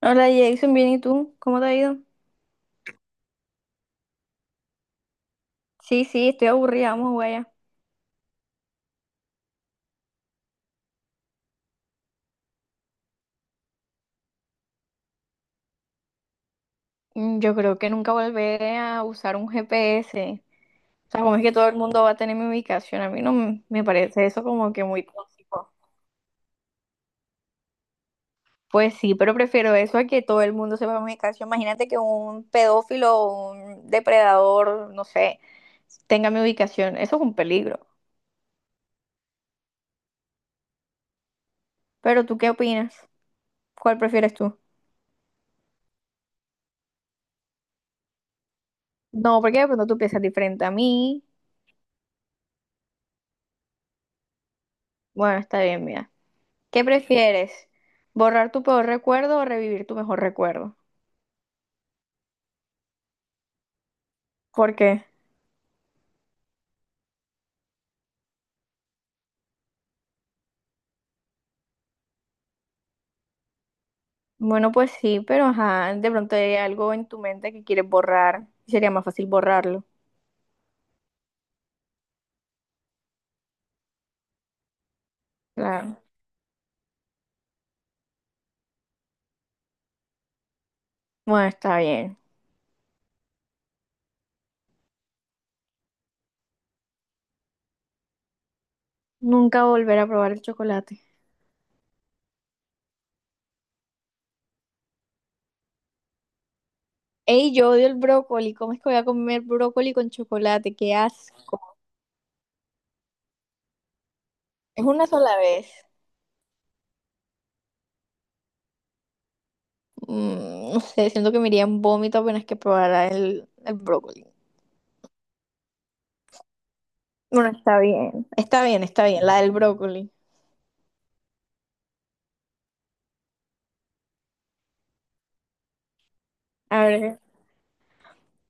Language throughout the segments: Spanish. Hola Jason, bien, ¿y tú? ¿Cómo te ha ido? Sí, sí, estoy aburrida, vamos a jugar ya. Yo creo que nunca volveré a usar un GPS. O sea, como es que todo el mundo va a tener mi ubicación, a mí no me parece eso como que muy tóxico. Pues sí, pero prefiero eso a que todo el mundo sepa mi ubicación. Imagínate que un pedófilo o un depredador, no sé, tenga mi ubicación. Eso es un peligro. Pero ¿tú qué opinas? ¿Cuál prefieres tú? No, porque de pronto tú piensas diferente a mí. Bueno, está bien, mira. ¿Qué prefieres? ¿Borrar tu peor recuerdo o revivir tu mejor recuerdo? ¿Por qué? Bueno, pues sí, pero ajá, de pronto hay algo en tu mente que quieres borrar. Sería más fácil borrarlo. Claro. Bueno, está bien. Nunca volver a probar el chocolate. Ey, yo odio el brócoli. ¿Cómo es que voy a comer brócoli con chocolate? ¡Qué asco! Es una sola vez. Mm, no sé, siento que me iría en vómito apenas que probara el brócoli. Bueno, está bien. Está bien, está bien, la del brócoli. A ver.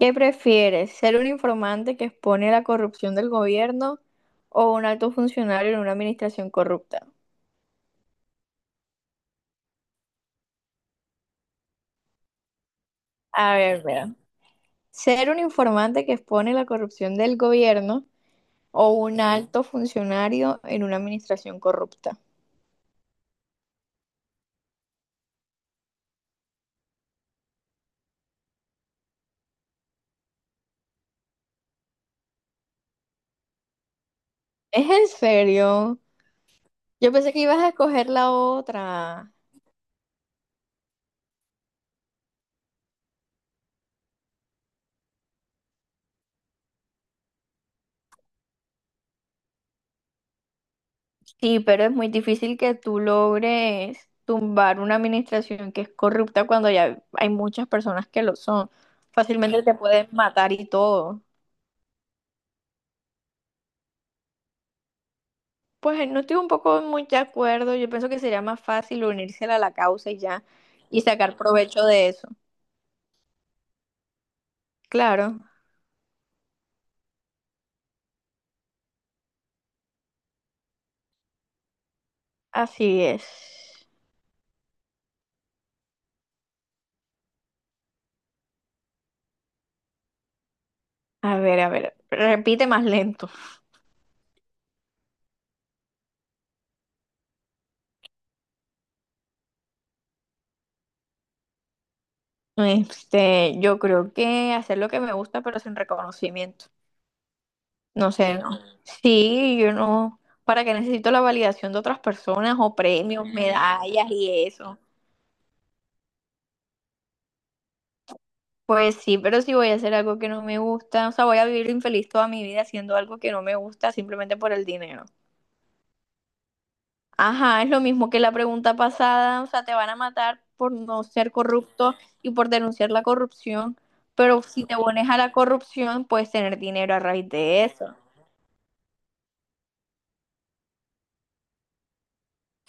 ¿Qué prefieres? ¿Ser un informante que expone la corrupción del gobierno o un alto funcionario en una administración corrupta? A ver, mira. ¿Ser un informante que expone la corrupción del gobierno o un alto funcionario en una administración corrupta? ¿Es en serio? Yo pensé que ibas a escoger la otra. Sí, pero es muy difícil que tú logres tumbar una administración que es corrupta cuando ya hay muchas personas que lo son. Fácilmente te pueden matar y todo. Pues no estoy un poco muy de acuerdo. Yo pienso que sería más fácil unirse a la causa y ya, y sacar provecho de eso. Claro, así es. A ver, repite más lento. Este, yo creo que hacer lo que me gusta, pero sin reconocimiento. No sé, no. Sí, yo no. ¿Para qué necesito la validación de otras personas o premios, medallas y eso? Pues sí, pero si voy a hacer algo que no me gusta, o sea, voy a vivir infeliz toda mi vida haciendo algo que no me gusta simplemente por el dinero. Ajá, es lo mismo que la pregunta pasada, o sea, te van a matar por no ser corrupto y por denunciar la corrupción, pero si te pones a la corrupción, puedes tener dinero a raíz de eso.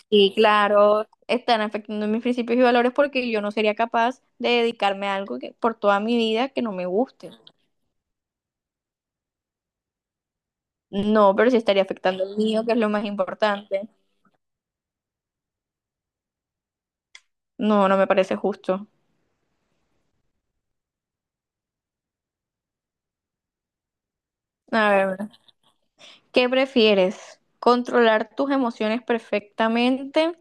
Y claro, están afectando mis principios y valores porque yo no sería capaz de dedicarme a algo que, por toda mi vida que no me guste. No, pero sí estaría afectando el mío, que es lo más importante. No, no me parece justo. A ver, ¿qué prefieres? ¿Controlar tus emociones perfectamente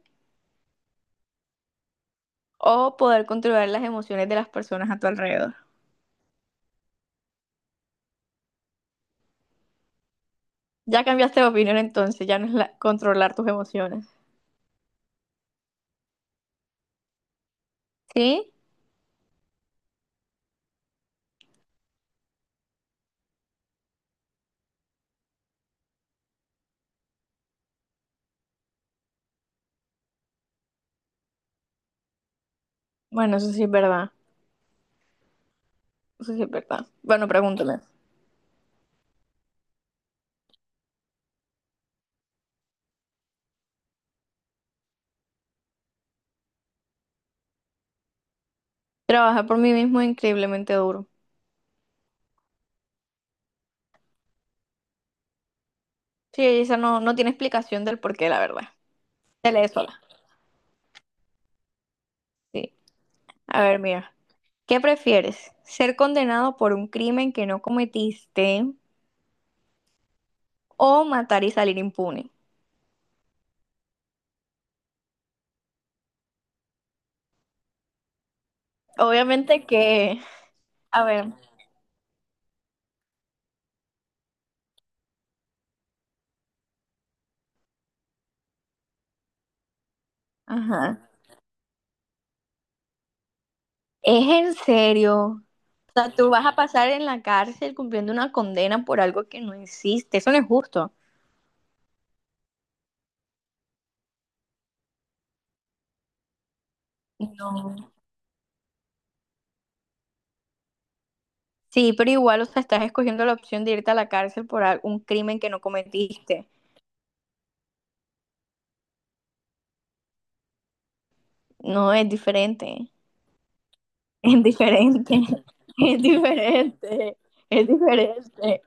o poder controlar las emociones de las personas a tu alrededor? Ya cambiaste de opinión entonces, ya no es controlar tus emociones. ¿Sí? Bueno, eso sí es verdad. Eso sí es verdad. Bueno, pregúntame. Trabajar por mí mismo es increíblemente duro. Sí, esa no, no tiene explicación del por qué, la verdad. Se lee sola. Sí. A ver, mira. ¿Qué prefieres? ¿Ser condenado por un crimen que no cometiste o matar y salir impune? Obviamente que... A ver. Ajá. ¿Es en serio? O sea, tú vas a pasar en la cárcel cumpliendo una condena por algo que no existe. Eso no es justo. No. Sí, pero igual, o sea, estás escogiendo la opción de irte a la cárcel por un crimen que no cometiste. No, es diferente. Es diferente. Es diferente. Es diferente.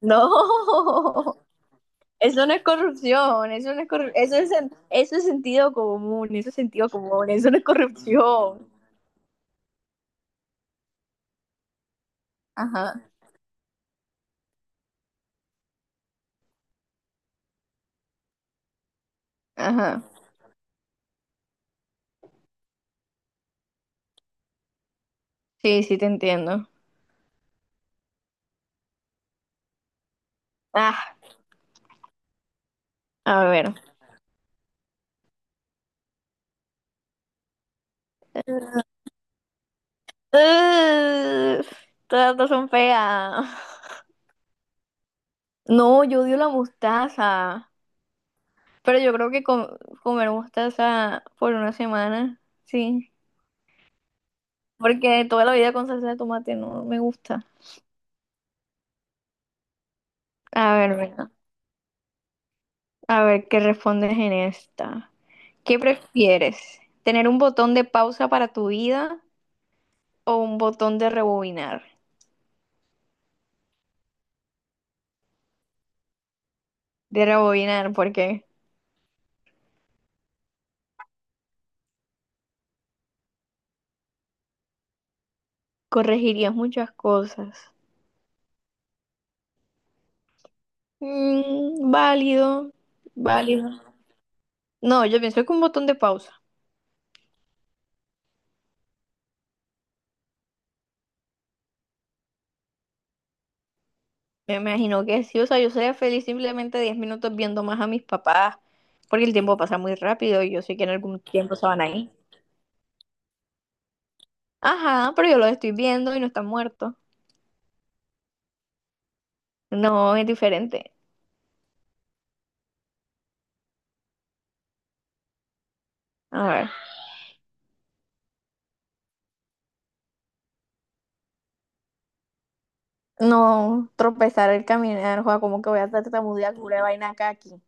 No. Eso no es corrupción. Eso no es corru- Eso es, eso es sentido común. Eso es sentido común. Eso no es corrupción. Ajá. Ajá. Sí, sí, te entiendo. Ah, a ver. Ugh, todas dos son feas. No, yo odio la mostaza. Pero yo creo que comer mostaza por una semana, sí. Porque toda la vida con salsa de tomate no me gusta. A ver, venga. A ver qué respondes en esta. ¿Qué prefieres? ¿Tener un botón de pausa para tu vida o un botón de rebobinar? De rebobinar, porque corregirías muchas cosas. Mm, válido, válido. No, yo pienso que un botón de pausa. Me imagino que sí, o sea, yo sería feliz simplemente 10 minutos viendo más a mis papás, porque el tiempo pasa muy rápido y yo sé que en algún tiempo se van a ir. Ajá, pero yo los estoy viendo y no están muertos. No, es diferente. A ver. No, tropezar el caminar, joda, como que voy a tartamudear pura vaina acá aquí.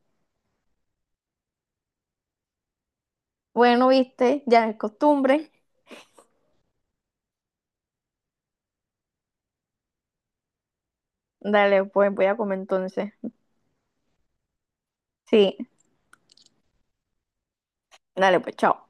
Bueno, viste, ya es costumbre. Dale, pues voy a comer entonces. Sí, dale, pues chao.